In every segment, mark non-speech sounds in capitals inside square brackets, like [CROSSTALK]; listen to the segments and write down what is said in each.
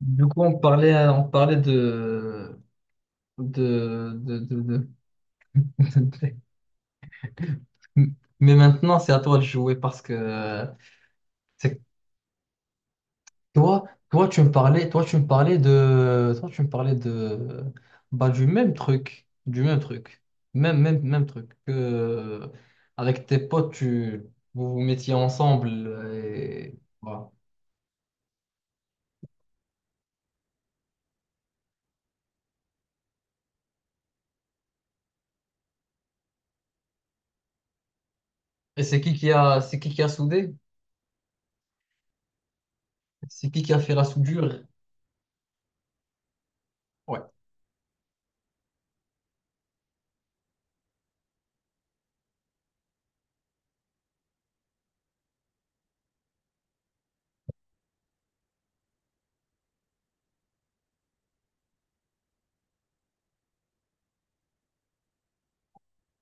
Du coup, on parlait, on parlait de, de, de- de- [LAUGHS] de- Mais maintenant, c'est à toi de jouer parce que c'est toi, toi, tu me parlais, toi, tu me parlais de, toi, tu me parlais de, bah, du même truc, même truc que avec tes potes, vous vous mettiez ensemble et voilà. C'est qui a soudé? C'est qui a fait la soudure? Ouais.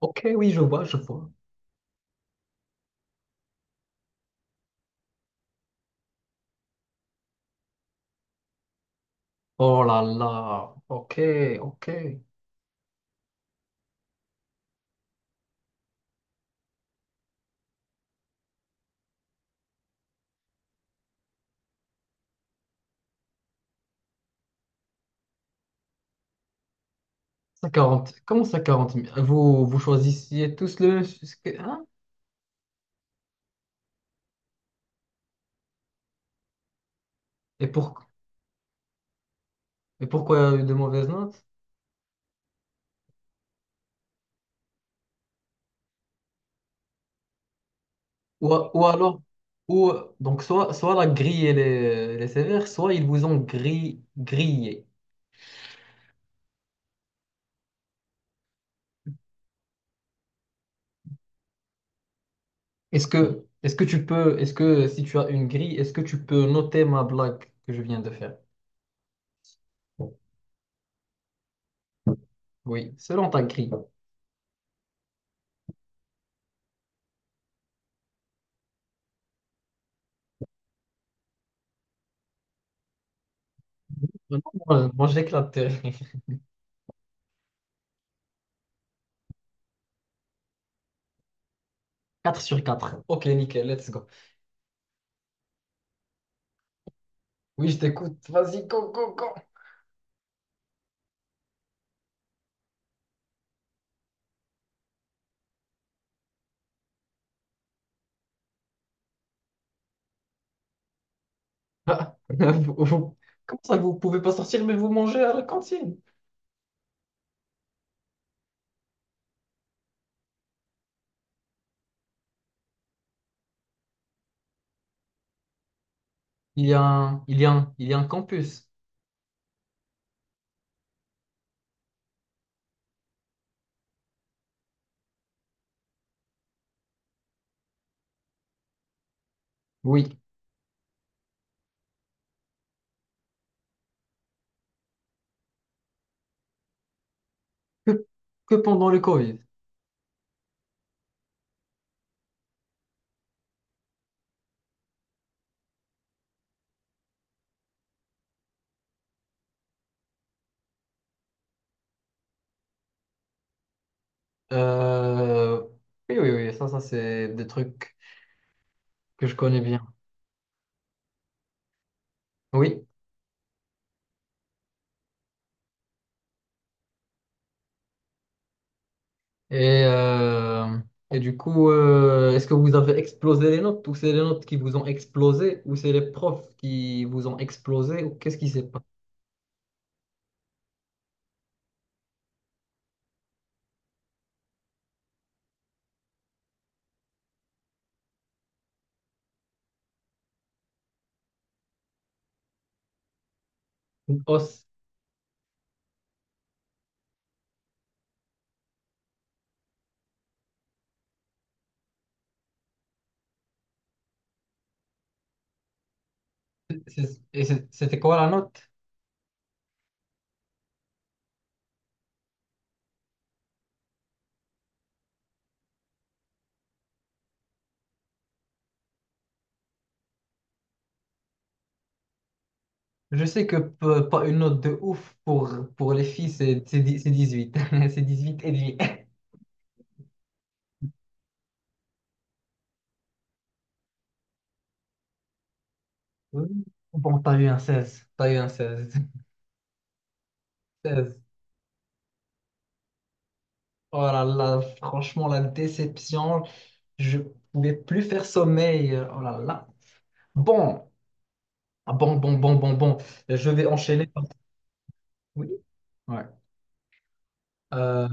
Ok, oui, je vois, je vois. Oh là là, ok, ok. Ça quarante comment ça quarante 000? Vous, vous choisissiez tous le même sujet, hein? Et, pour, et pourquoi il y a eu de mauvaises notes? Ou, ou alors, ou, donc soit, la grille elle est sévère, soit ils vous ont grillé. Est-ce que si tu as une grille, est-ce que tu peux noter ma blague que je viens de faire? Oui, selon ta grille. Non, Moi j'éclate. [LAUGHS] 4 sur quatre. Ok, nickel, let's go. Oui, je t'écoute. Vas-y, go, go, go. Ah, [LAUGHS] comment ça, vous pouvez pas sortir, mais vous mangez à la cantine? Il y a un, il y a un, il y a un campus. Oui. Que, que pendant le Covid. Euh, oui, oui, oui. C'est des trucs que je connais bien. Oui. Et, euh, et du coup, est-ce que vous avez explosé les notes? Ou c'est les notes qui vous ont explosé? Ou c'est les profs qui vous ont explosé? Ou qu'est-ce qui s'est passé? Une hausse. C'était quoi la note? Je sais que pas une note de ouf pour les filles, c'est 18. [LAUGHS] C'est 18 et demi. [LAUGHS] Oui. Bon, t'as eu un 16. T'as eu un 16. 16. Oh là là, franchement, la déception. Je pouvais plus faire sommeil. Oh là là. Bon. Ah, bon, bon, bon, bon, bon. Je vais enchaîner. Oui. Ouais. Euh,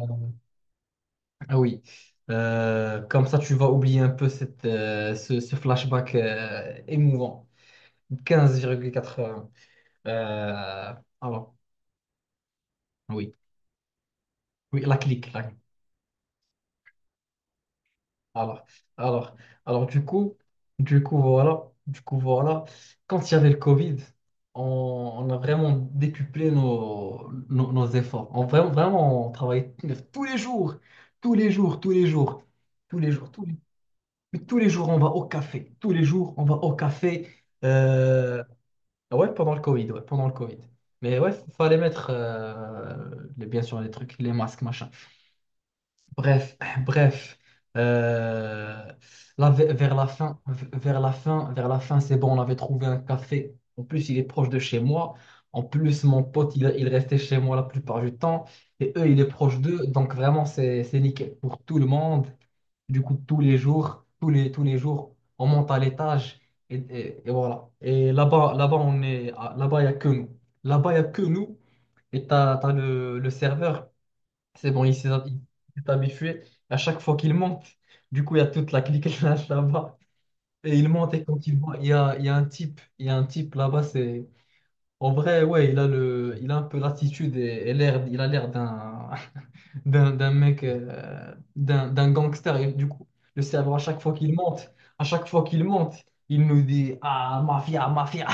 ah oui. Comme ça, tu vas oublier un peu ce flashback émouvant. 15,80. Euh, alors, oui, oui, la clique, la clique. Alors, alors, alors, du coup, voilà, quand il y avait le Covid, on a vraiment décuplé nos efforts. On, vraiment, vraiment, on travaillait tous les jours, tous les jours, tous les jours, tous les jours, mais tous les jours, on va au café. Tous les jours, on va au café. Euh, ouais, pendant le Covid, ouais, pendant le Covid. Mais ouais, fallait mettre, bien sûr, les trucs, les masques, machin. Bref, [CLEARS THROAT] bref, euh, là, vers la fin, vers la fin, vers la fin, c'est bon, on avait trouvé un café. En plus, il est proche de chez moi. En plus, mon pote, il restait chez moi la plupart du temps. Et eux, il est proche d'eux. Donc, vraiment, c'est nickel pour tout le monde. Du coup, tous les jours, tous les jours, on monte à l'étage. Et voilà. Et là-bas, là-bas, là-bas, il n'y a que nous. Là-bas, il n'y a que nous. Et t'as le serveur. C'est bon, il s'est habitué à chaque fois qu'il monte. Du coup, il y a toute la clique [LAUGHS] là-bas. Et il monte et quand il voit, il y a un type, il y a un type là-bas, c'est. En vrai, ouais, il a un peu l'attitude et l'air, il a l'air d'un [LAUGHS] d'un mec, d'un gangster. Et du coup, le cerveau, à chaque fois qu'il monte, à chaque fois qu'il monte, il nous dit, ah, mafia, mafia.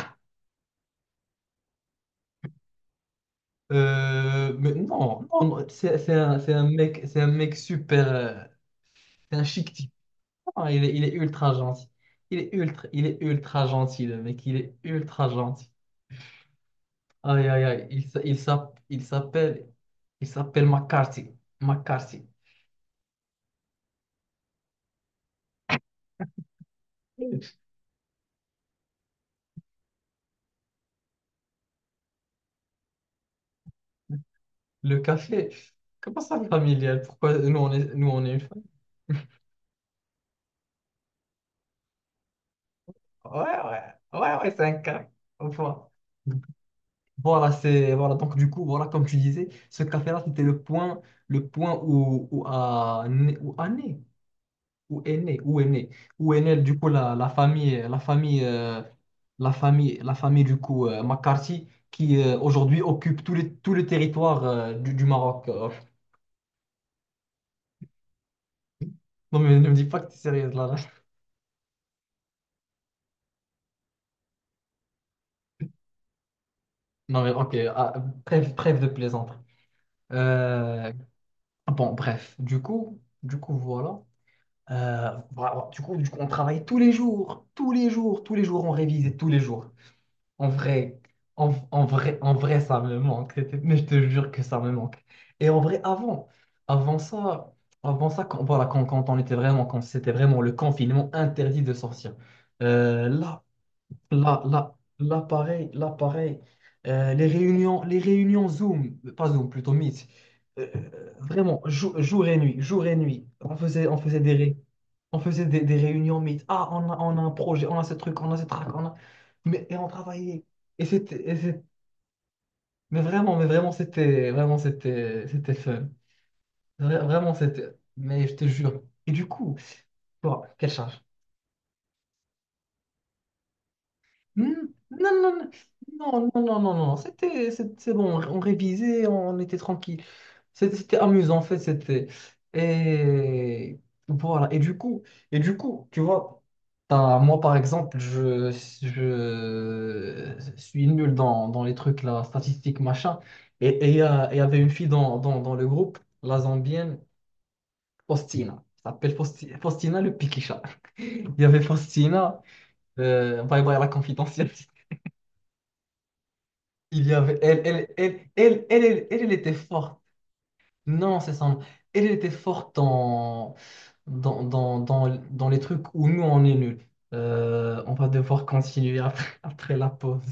Mais non, non, non, c'est un mec super, c'est un chic type. Ah, il est ultra gentil. Il est ultra gentil, le mec. Il est ultra gentil. Aïe, aïe, aïe. Il s'appelle McCarthy. McCarthy. Le café, comment ça familial? Pourquoi nous on est une famille? Ouais, ouais, ouais, ouais, c'est un cas au Voilà, Voilà, c'est, voilà, donc du coup, voilà, comme tu disais, ce café-là, c'était le point, où, a né, où a né. Où est né? Où est né? Où est née, du coup, la famille, la famille, la famille, la famille, du coup, McCarthy, qui aujourd'hui occupe tout le territoire du Maroc. Non, mais ne me dis pas que tu es sérieuse là. Non, mais ok, ah, bref de plaisanter. Euh, bon, bref, du coup, voilà. Voilà, du coup, on travaillait tous les jours, tous les jours, tous les jours, on révisait tous les jours. En vrai, En vrai, ça me manque. Mais je te jure que ça me manque. Et en vrai, avant ça, avant ça, quand on était vraiment, quand c'était vraiment le confinement interdit de sortir. Là, la- la- l'appareil, l'appareil, les réunions, Zoom, pas Zoom, plutôt Meet. Euh, Vraiment, jour et nuit, on faisait des réunions Meet. Ah, on a un projet, on a ce truc, on a ce trac, on a. Mais, et on travaillait. Et c'était, et c'est- mais vraiment, mais vraiment, c'était, vraiment, c'était fun. Vraiment, c'était, mais je te jure. Et du coup, bon, quelle charge? Hmm, non, non, non, non, non, non, non, non, c'est bon, on révisait, on était tranquille. C'était amusant, en fait, c'était. Et voilà, et du coup, tu vois, moi, par exemple, je suis nul dans les trucs, là, statistiques, machin. Il y avait une fille dans le groupe, la Zambienne, Faustina. Elle s'appelle Faustina le Pikicha. [LAUGHS] Il y avait Faustina, bye bye la confidentielle. Elle était forte. Non, c'est ça. Elle était forte dans les trucs où nous, on est nuls. On va devoir continuer après, [LAUGHS] après la pause.